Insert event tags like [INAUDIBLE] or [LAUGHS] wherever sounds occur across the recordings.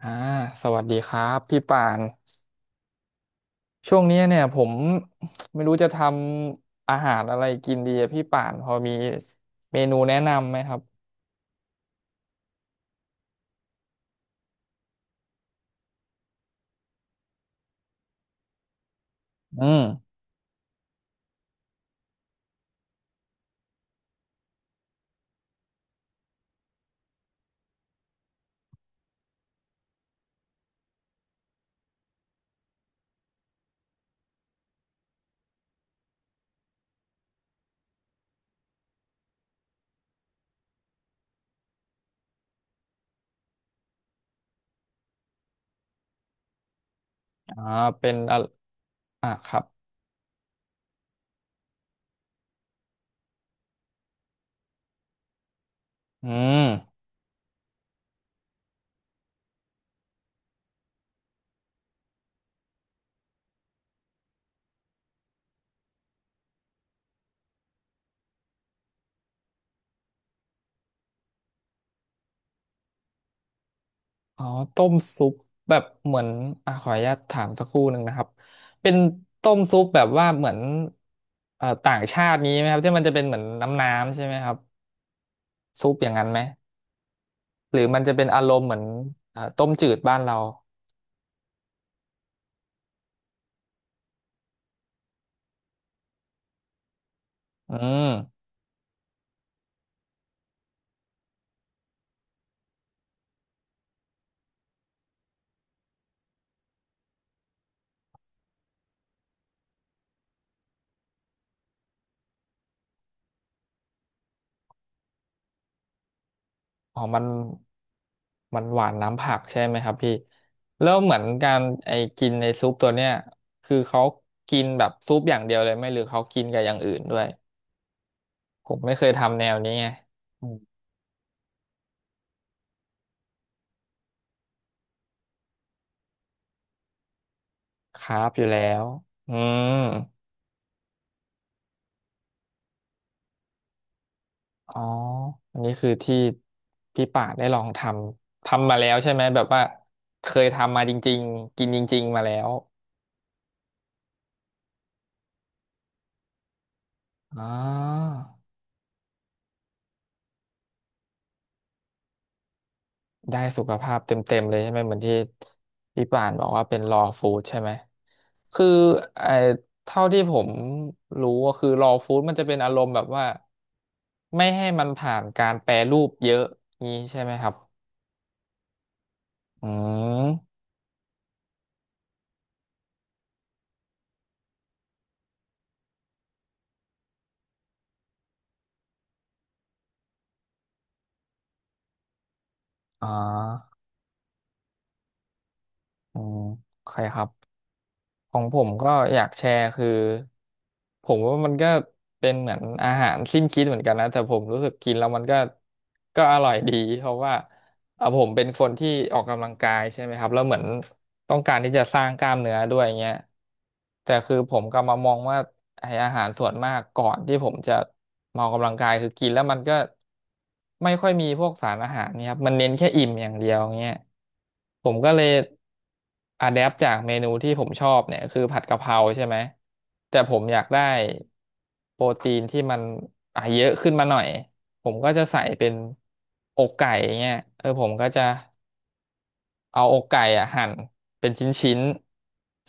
อ่าสวัสดีครับพี่ป่านช่วงเนี้ยเนี่ยผมไม่รู้จะทำอาหารอะไรกินดีอะพี่ป่านพอมีเมนูแนะนำไหมครับอืมอ่าเป็นอะอ่าครับอืมอ๋อต้มซุปแบบเหมือนอ่าขออนุญาตถามสักครู่หนึ่งนะครับเป็นต้มซุปแบบว่าเหมือนต่างชาตินี้ไหมครับที่มันจะเป็นเหมือนน้ำใช่ไหมครับซุปอย่างนั้นไหมหรือมันจะเป็นอารมณ์เหมือนต้มจืดบ้านเราอืม อ๋อมันหวานน้ำผักใช่ไหมครับพี่แล้วเหมือนการไอ้กินในซุปตัวเนี้ยคือเขากินแบบซุปอย่างเดียวเลยไหมหรือเขากินกับอย่างอื่นด้วยผมไม่เคยทำแนวนี้ไงอืมคาร์บอยู่แล้วอืมอ๋ออันนี้คือที่พี่ป่าได้ลองทำ ทำมาแล้วใช่ไหมแบบว่าเคยทำมาจริงๆกินจริงๆมาแล้วอ๋อ ได้สุขภาพเต็มๆเลยใช่ไหมเหมือนที่พี่ป่านบอกว่าเป็น raw food ใช่ไหมคือไอ้เท่าที่ผมรู้ก็คือ raw food มันจะเป็นอารมณ์แบบว่าไม่ให้มันผ่านการแปรรูปเยอะนี้ใช่ไหมครับอืมอ่าอืมใครครับของผมก็อยากแชร์คือผมว่ามันก็เป็นเหมือนอาหารสิ้นคิดเหมือนกันนะแต่ผมรู้สึกกินแล้วมันก็ก็อร่อยดีเพราะว่า ผมเป็นคนที่ออกกำลังกายใช่ไหมครับแล้วเหมือนต้องการที่จะสร้างกล้ามเนื้อด้วยเงี้ยแต่คือผมก็มามองว่าไอ้อาหารส่วนมากก่อนที่ผมจะมาออกกำลังกายคือกินแล้วมันก็ไม่ค่อยมีพวกสารอาหารเนี่ยครับมันเน้นแค่อิ่มอย่างเดียวเงี้ยผมก็เลยอะแดปจากเมนูที่ผมชอบเนี่ยคือผัดกะเพราใช่ไหมแต่ผมอยากได้โปรตีนที่มันอ่ะเยอะขึ้นมาหน่อย ผมก็จะใส่เป็นอกไก่เงี้ยเออผมก็จะ เอาอกไก่อ่ะหั่นเป็น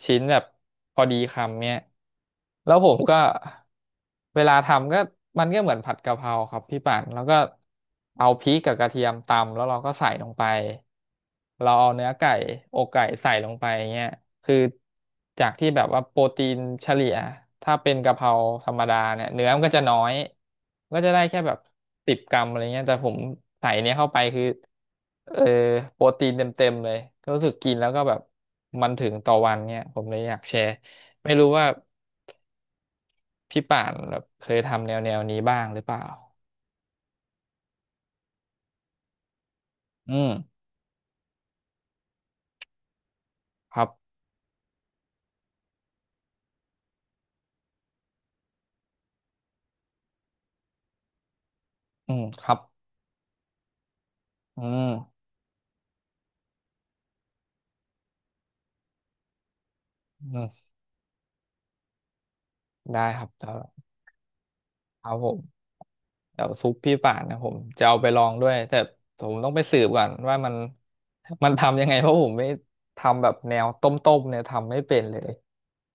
ชิ้นแบบพอดีคำเนี่ยแล้วผมก็เวลาทำก็มันก็เหมือนผัดกะเพราครับพี่ป่านแล้วก็เอาพริกกับกระเทียมตำแล้วเราก็ใส่ลงไปเราเอาเนื้อไก่อกไก่ใส่ลงไปเงี้ยคือจากที่แบบว่าโปรตีนเฉลี่ยถ้าเป็นกะเพราธรรมดาเนี่ยเนื้อมันก็จะน้อยก็จะได้แค่แบบ10 กรัมอะไรเงี้ยแต่ผมใส่เนี้ยเข้าไปคือ เออโปรตีนเต็มๆเลยก็รู้สึกกินแล้วก็แบบมันถึงต่อวันเนี่ยผมเลยอยากแชร์ไม่รู้ว่าพี่ป่านแบบเคยทำแนวแนวนี้บ้างหรือเปล่าอืมครับอืมครับอืมอืมได้ครับเดี๋ยวครับผมเดี๋ยวซุปพี่ป่านนะผมจะเอาไปลองด้วยแต่ผมต้องไปสืบก่อนว่ามัน [LAUGHS] มันทำยังไงเพราะผมไม่ทำแบบแนวต้มๆเนี่ยทำไม่เป็นเลย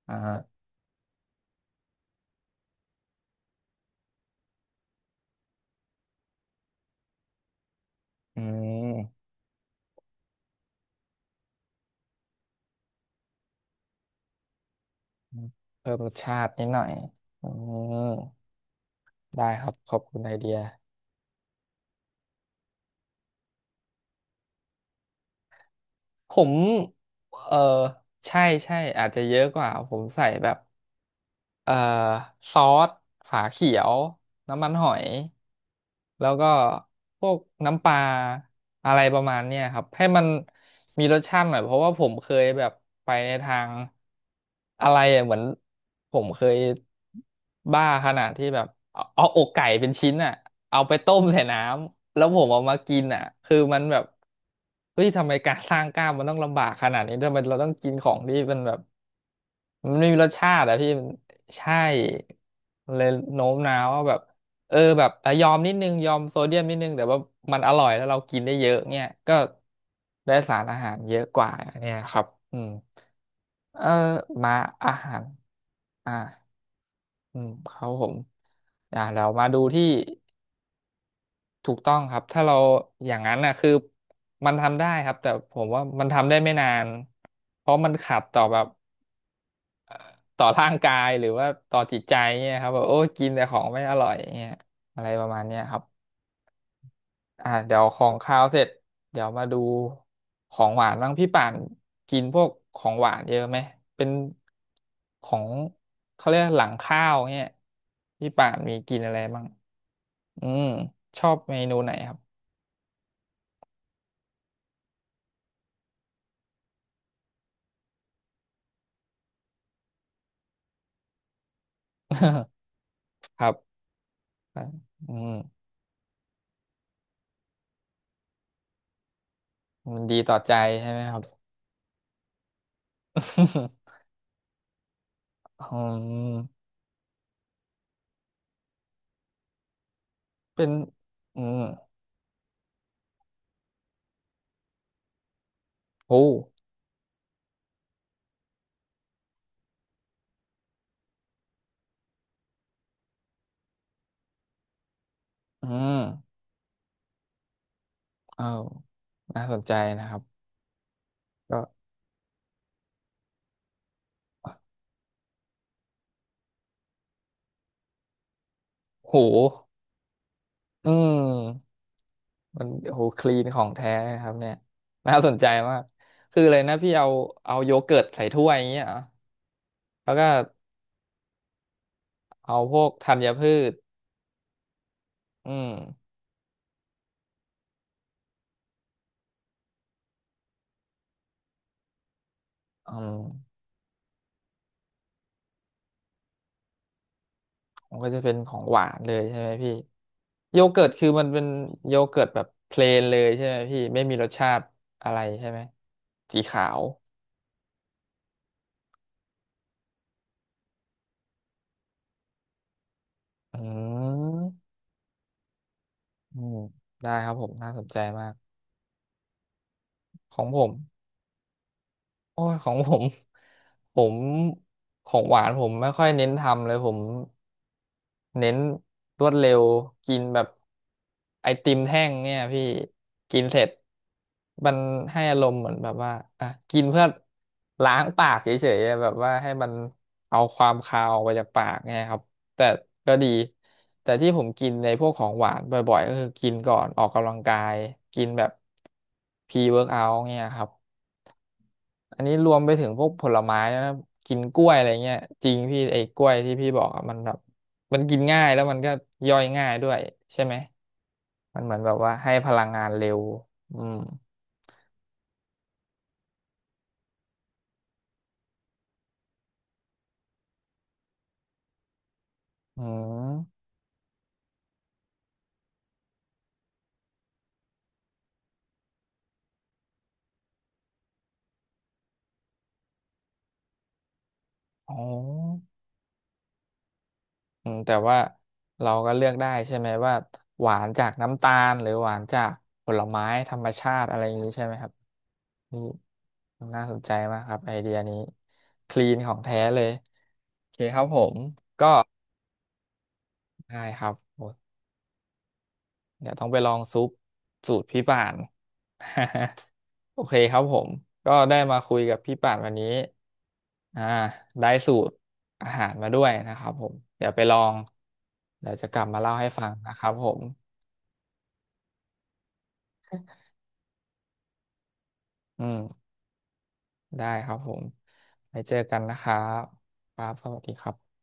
อ่าอืมเพิ่มรสชาตินิดหน่อยอืม ได้ครับขอบคุณไอเดียผมเออใช่ใช่อาจจะเยอะกว่าผมใส่แบบ เอ่อซอสฝาเขียวน้ำมันหอยแล้วก็พวกน้ำปลาอะไรประมาณเนี้ยครับให้มันมีรสชาติหน่อยเพราะว่าผมเคยแบบไปในทางอะไรอะเหมือนผมเคยบ้าขนาดที่แบบเอาอกไก่เป็นชิ้นอ่ะเอาไปต้มใส่น้ำแล้วผมเอามากินอ่ะคือมันแบบเฮ้ยทำไมการสร้างกล้ามมันต้องลำบากขนาดนี้ทำไมเราต้องกินของที่มันแบบ มันไม่มีรสชาติอะพี่มันใช่มันเลยโน้มน้าวว่าแบบเออแบบอ่ะยอมนิดนึงยอมโซเดียมนิดนึงแต่ว่ามันอร่อยแล้วเรากินได้เยอะเนี่ยก็ได้สารอาหารเยอะกว่าเนี่ยครับอืมเออมาอาหารอ่าอืมครับผมอ่าเรามาดูที่ถูกต้องครับถ้าเราอย่างนั้นน่ะคือมันทำได้ครับแต่ผมว่ามันทำได้ไม่นานเพราะมันขัดต่อแบบ ต่อร่างกายหรือว่าต่อจิตใจเนี่ยครับแบบโอ้ยกินแต่ของไม่อร่อยเนี่ยอะไรประมาณเนี้ยครับอ่าเดี๋ยวของคาวเสร็จเดี๋ยวมาดูของหวานบ้างพี่ป่านกินพวกของหวานเยอะไหมเป็นของเขาเรียกหลังข้าวเนี่ยพี่ป่านมีกินอะไรบ้างอืมชอบเมนูไหนครับ [LAUGHS] ครับอืมมันดีต่อใจใช่ไหมครับ [LAUGHS] อืมเป็นอืมโอ้อืม เออน่าสนใจนะครับก็โหอืมมันโหคลีนของแท้เลยนะครับเนี่ยน่าสนใจ มากคืออะไรนะพี่เอาโยเกิร์ตใส่ถ้วยอย่างเงี้ยเหรอแล้วก็เอาพวกธัญพืชอืมอืมมันก็จะเป็นของหวานเลยใช่ไหมพี่โยเกิร์ตคือมันเป็นโยเกิร์ตแบบเพลนเลยใช่ไหมพี่ไม่มีรสชาติอะไรใช่ไหมสีขาวอืมอืมได้ครับผมน่าสนใจมาก ของผม โอ้ยของผม [LAUGHS] ผมของหวานผมไม่ค่อยเน้นทำเลยผมเน้นรวดเร็วกินแบบไอติมแท่งเนี่ยพี่กินเสร็จมันให้อารมณ์เหมือนแบบว่าอ่ะกินเพื่อล้างปากเฉยๆอะแบบว่าให้มันเอาความคาวออกไปจากปากเนี่ยครับแต่ก็ดีแต่ที่ผมกินในพวกของหวานบ่อยๆก็คือกินก่อนออกกำลังกายกินแบบพรีเวิร์กเอาท์เนี่ยครับ อันนี้รวมไปถึงพวกผลไม้นะครับกินกล้วยอะไรเงี้ยจริงพี่ไอ้กล้วยที่พี่บอกอะมันแบบมันกินง่ายแล้วมันก็ย่อยง่ายด้วยใช่ไหมมันเหมือนแบบว่าให้พลังงานเร็วอืมอืมอ๋ออืมแต่ว่าเราก็เลือกได้ใช่ไหมว่าหวานจากน้ำตาลหรือหวานจากผลไม้ธรรมชาติอะไรอย่างนี้ใช่ไหมครับนี่น่าสนใจมากครับไอเดียนี้คลีนของแท้เลยโอเคครับผมก็ได้ครับ เดี๋ยวต้องไปลองซุปสูตรพี่ป่าน [LAUGHS] โอเคครับผมก็ได้มาคุยกับพี่ป่านวันนี้อ่าได้สูตรอาหารมาด้วยนะครับผมเดี๋ยวไปลองเดี๋ยวจะกลับมาเล่าให้ฟังนะครับผมอืมได้ครับผมไปเจอกันนะครับครับสวัสดีครับ